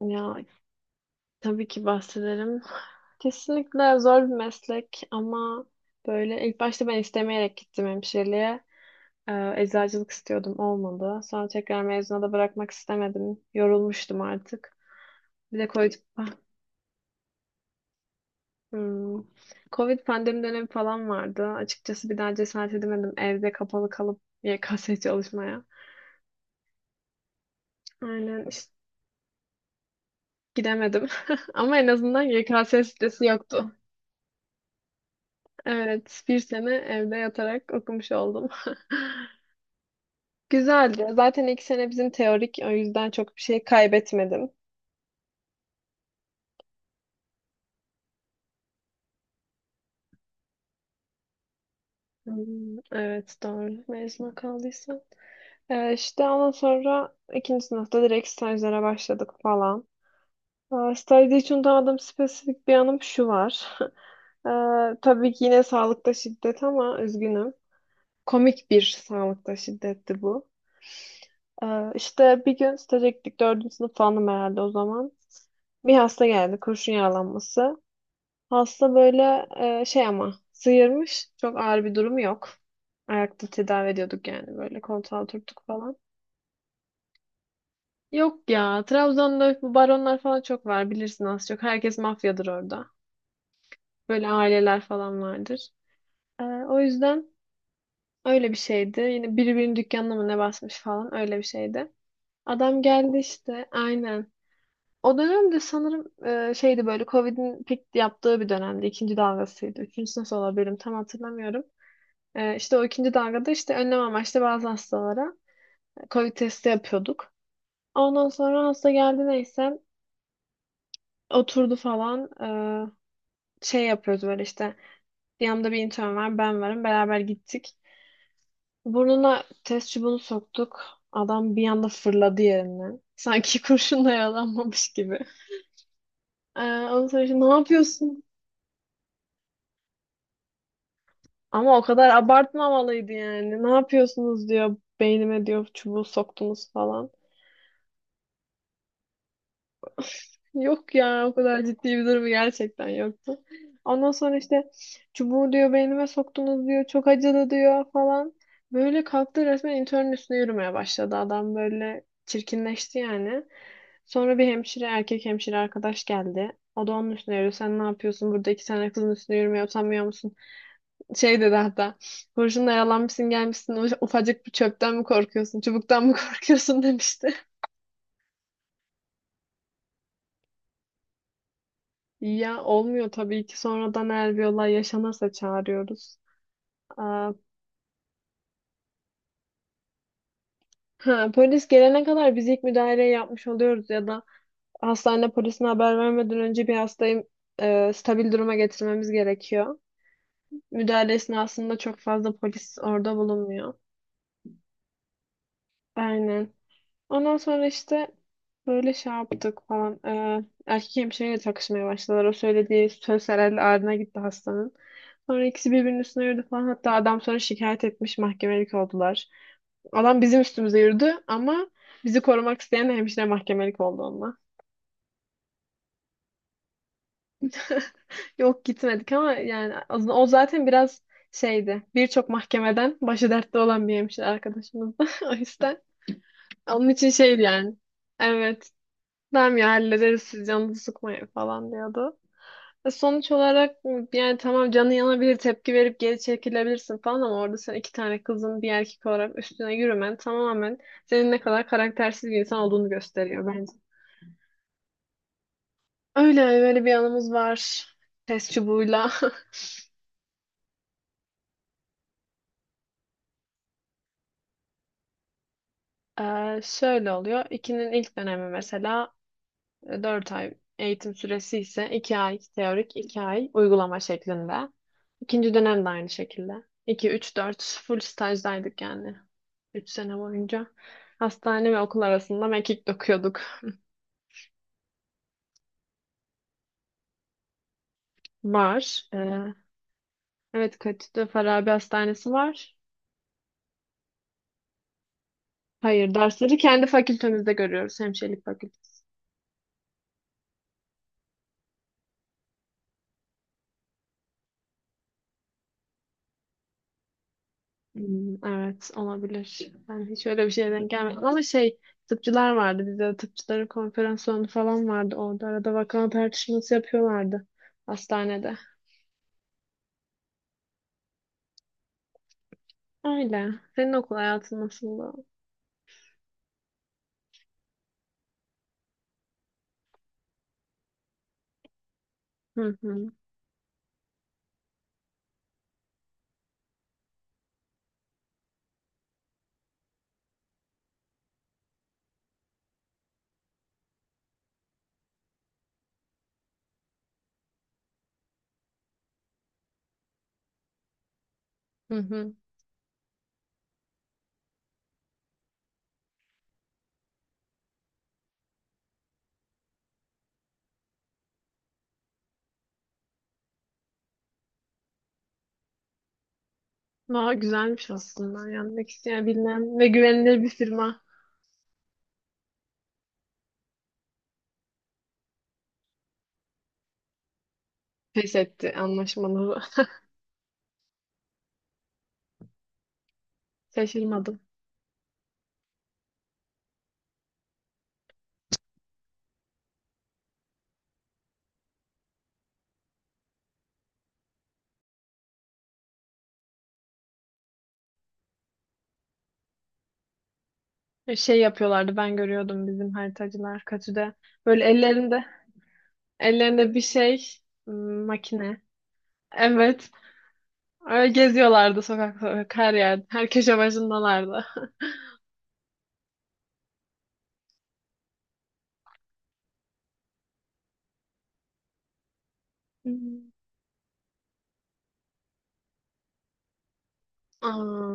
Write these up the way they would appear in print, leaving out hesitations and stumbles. Ya tabii ki bahsederim. Kesinlikle zor bir meslek ama böyle ilk başta ben istemeyerek gittim hemşireliğe. Eczacılık istiyordum olmadı. Sonra tekrar mezuna da bırakmak istemedim. Yorulmuştum artık. Bir de Covid. Hmm. Covid pandemi dönemi falan vardı. Açıkçası bir daha cesaret edemedim evde kapalı kalıp YKS çalışmaya. Aynen işte gidemedim. Ama en azından YKS stresi yoktu. Evet, bir sene evde yatarak okumuş oldum. Güzeldi. Zaten ilk sene bizim teorik, o yüzden çok bir şey kaybetmedim. Hmm, evet, doğru. Mezuna kaldıysa. İşte ondan sonra ikinci sınıfta direkt stajlara başladık falan. Stajda hiç unutamadığım spesifik bir anım şu var. Ee, tabii ki yine sağlıkta şiddet ama üzgünüm. Komik bir sağlıkta şiddetti bu. İşte bir gün staja gittik. Dördüncü sınıf falanım herhalde o zaman. Bir hasta geldi. Kurşun yaralanması. Hasta böyle şey ama sıyırmış. Çok ağır bir durumu yok. Ayakta tedavi ediyorduk yani böyle koltuğa oturttuk falan. Yok ya Trabzon'da bu baronlar falan çok var bilirsin az çok. Herkes mafyadır orada. Böyle aileler falan vardır. O yüzden öyle bir şeydi. Yine birbirinin dükkanına mı ne basmış falan öyle bir şeydi. Adam geldi işte aynen. O dönem de sanırım şeydi böyle Covid'in pik yaptığı bir dönemdi. İkinci dalgasıydı. Üçüncüsü nasıl olabilirim tam hatırlamıyorum. E, işte o ikinci dalgada işte önlem amaçlı bazı hastalara Covid testi yapıyorduk. Ondan sonra hasta geldi neyse oturdu falan. Şey yapıyoruz böyle işte, yanımda bir intern var, ben varım, beraber gittik. Burnuna test çubuğunu soktuk. Adam bir anda fırladı yerinden. Sanki kurşunla yaralanmamış gibi. Ondan sonra işte, ne yapıyorsun? Ama o kadar abartmamalıydı yani. Ne yapıyorsunuz diyor. Beynime diyor çubuğu soktunuz falan. Yok ya o kadar ciddi bir durumu gerçekten yoktu. Ondan sonra işte çubuğu diyor beynime soktunuz diyor. Çok acıdı diyor falan. Böyle kalktı resmen internün üstüne yürümeye başladı. Adam böyle çirkinleşti yani. Sonra bir hemşire, erkek hemşire arkadaş geldi. O da onun üstüne yürüyor. Sen ne yapıyorsun burada, iki tane kızın üstüne yürümeye utanmıyor musun? Şey dedi hatta. Kurşunla yalanmışsın gelmişsin, ufacık bir çöpten mi korkuyorsun? Çubuktan mı korkuyorsun demişti. Ya olmuyor tabii ki, sonradan eğer bir olay yaşanırsa çağırıyoruz. Aa, ha, polis gelene kadar biz ilk müdahaleyi yapmış oluyoruz, ya da hastane polisine haber vermeden önce bir hastayı stabil duruma getirmemiz gerekiyor. Müdahale esnasında çok fazla polis orada bulunmuyor. Aynen. Ondan sonra işte böyle şey yaptık falan. Erkek hemşireyle takışmaya başladılar. O söylediği söz herhalde ağrına gitti hastanın. Sonra ikisi birbirinin üstüne yürüdü falan. Hatta adam sonra şikayet etmiş, mahkemelik oldular. Adam bizim üstümüze yürüdü ama bizi korumak isteyen hemşire mahkemelik oldu onunla. Yok gitmedik ama yani o zaten biraz şeydi. Birçok mahkemeden başı dertte olan bir hemşire arkadaşımızdı. O yüzden onun için şeydi yani. Evet. Tamam ya hallederiz, siz canınızı sıkmayın falan diyordu. Sonuç olarak yani tamam, canın yanabilir, tepki verip geri çekilebilirsin falan ama orada sen iki tane kızın bir erkek olarak üstüne yürümen tamamen senin ne kadar karaktersiz bir insan olduğunu gösteriyor bence. Öyle öyle bir anımız var. Test çubuğuyla. E, şöyle oluyor. İkinin ilk dönemi mesela 4 ay eğitim süresi ise, 2 ay teorik 2 ay uygulama şeklinde. İkinci dönem de aynı şekilde. İki, 3, 4 full stajdaydık yani. 3 sene boyunca. Hastane ve okul arasında mekik dokuyorduk. Var. Evet, Katü'de Farabi Hastanesi var. Hayır, dersleri kendi fakültemizde görüyoruz. Hemşirelik fakültesi. Hmm, evet olabilir. Ben hiç öyle bir şeye denk gelmedim. Ama şey, tıpçılar vardı. Bizde de tıpçıların konferans salonu falan vardı. Orada arada vaka tartışması yapıyorlardı hastanede. Öyle. Senin okul hayatın nasıldı? Hı hı. Hı hı. Daha güzelmiş aslında. Yanmak isteyen bilinen ve güvenilir bir firma, pes etti anlaşmaları. Şaşırmadım. Şey yapıyorlardı, ben görüyordum bizim haritacılar Katü'de. Böyle ellerinde bir şey, makine. Evet. Öyle geziyorlardı sokakta, her yerde. Her köşe başındalardı. Hmm. Aa,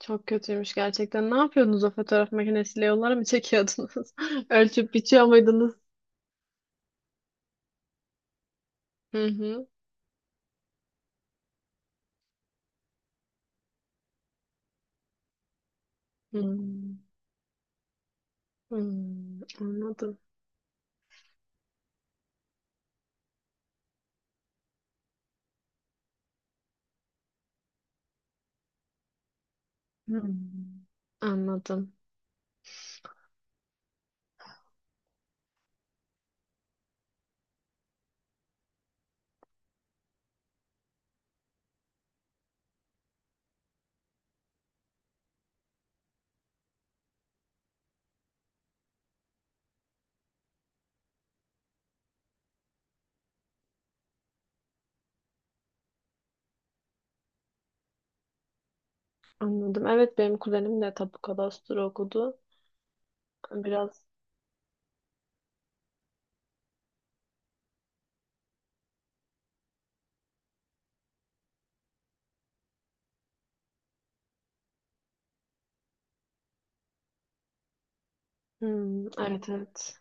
çok kötüymüş gerçekten. Ne yapıyordunuz o fotoğraf makinesiyle, yollara mı çekiyordunuz? Ölçüp biçiyor muydunuz? Hı hı. Hmm. Hmm, anladım. Hmm. Anladım. Anladım. Evet, benim kuzenim de tapu kadastro okudu. Biraz. Hmm, evet, evet.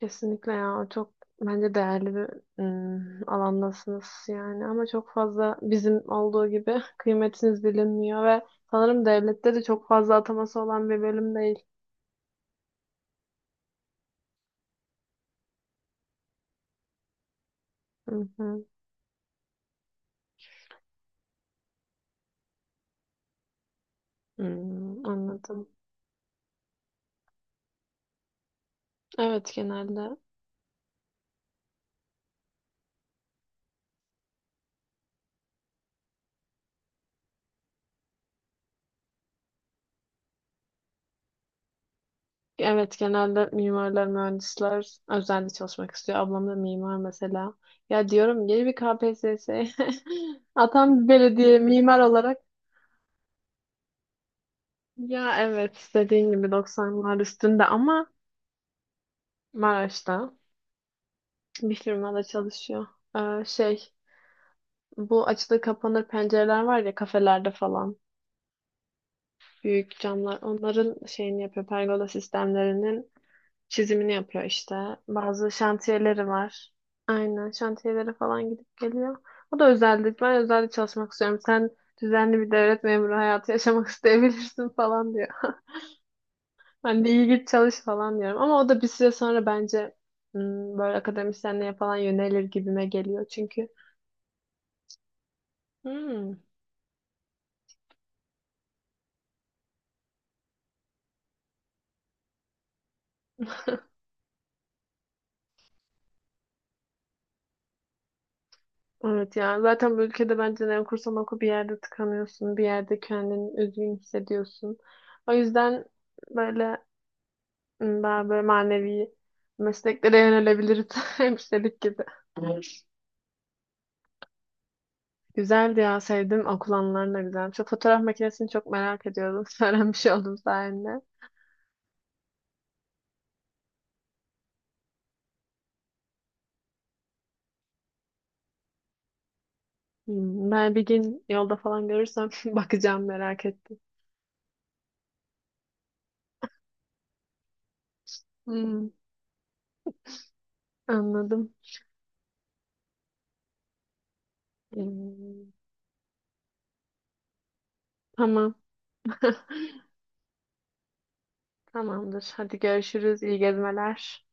Kesinlikle ya, çok bence değerli bir alandasınız yani, ama çok fazla bizim olduğu gibi kıymetiniz bilinmiyor ve sanırım devlette de çok fazla ataması olan bir bölüm değil. Hı hı. Hmm, anladım. Evet genelde Evet, genelde mimarlar, mühendisler özelde çalışmak istiyor. Ablam da mimar mesela. Ya diyorum, gel bir KPSS. Atam bir belediye, mimar olarak. Ya evet, dediğin gibi 90'lar üstünde ama. Maraş'ta bir firmada çalışıyor. Şey, bu açılır kapanır pencereler var ya kafelerde falan. Büyük camlar, onların şeyini yapıyor, pergola sistemlerinin çizimini yapıyor işte. Bazı şantiyeleri var. Aynen, şantiyelere falan gidip geliyor. O da özellik. Ben özelde çalışmak istiyorum. Sen düzenli bir devlet memuru hayatı yaşamak isteyebilirsin falan diyor. Ben de iyi, git çalış falan diyorum. Ama o da bir süre sonra bence böyle akademisyenliğe falan yönelir gibime geliyor. Çünkü hmm, evet ya, zaten bu ülkede bence ne okursan oku bir yerde tıkanıyorsun. Bir yerde kendini üzgün hissediyorsun. O yüzden böyle, daha böyle manevi mesleklere yönelebiliriz. Hemşirelik gibi. Güzeldi ya, sevdim. Okul anılarını da güzel. Şu fotoğraf makinesini çok merak ediyordum. Öğrenmiş oldum sayende. Hmm, ben bir gün yolda falan görürsem bakacağım, merak ettim. Hmm, anladım. Hmm, tamam. Tamamdır. Hadi görüşürüz. İyi gezmeler.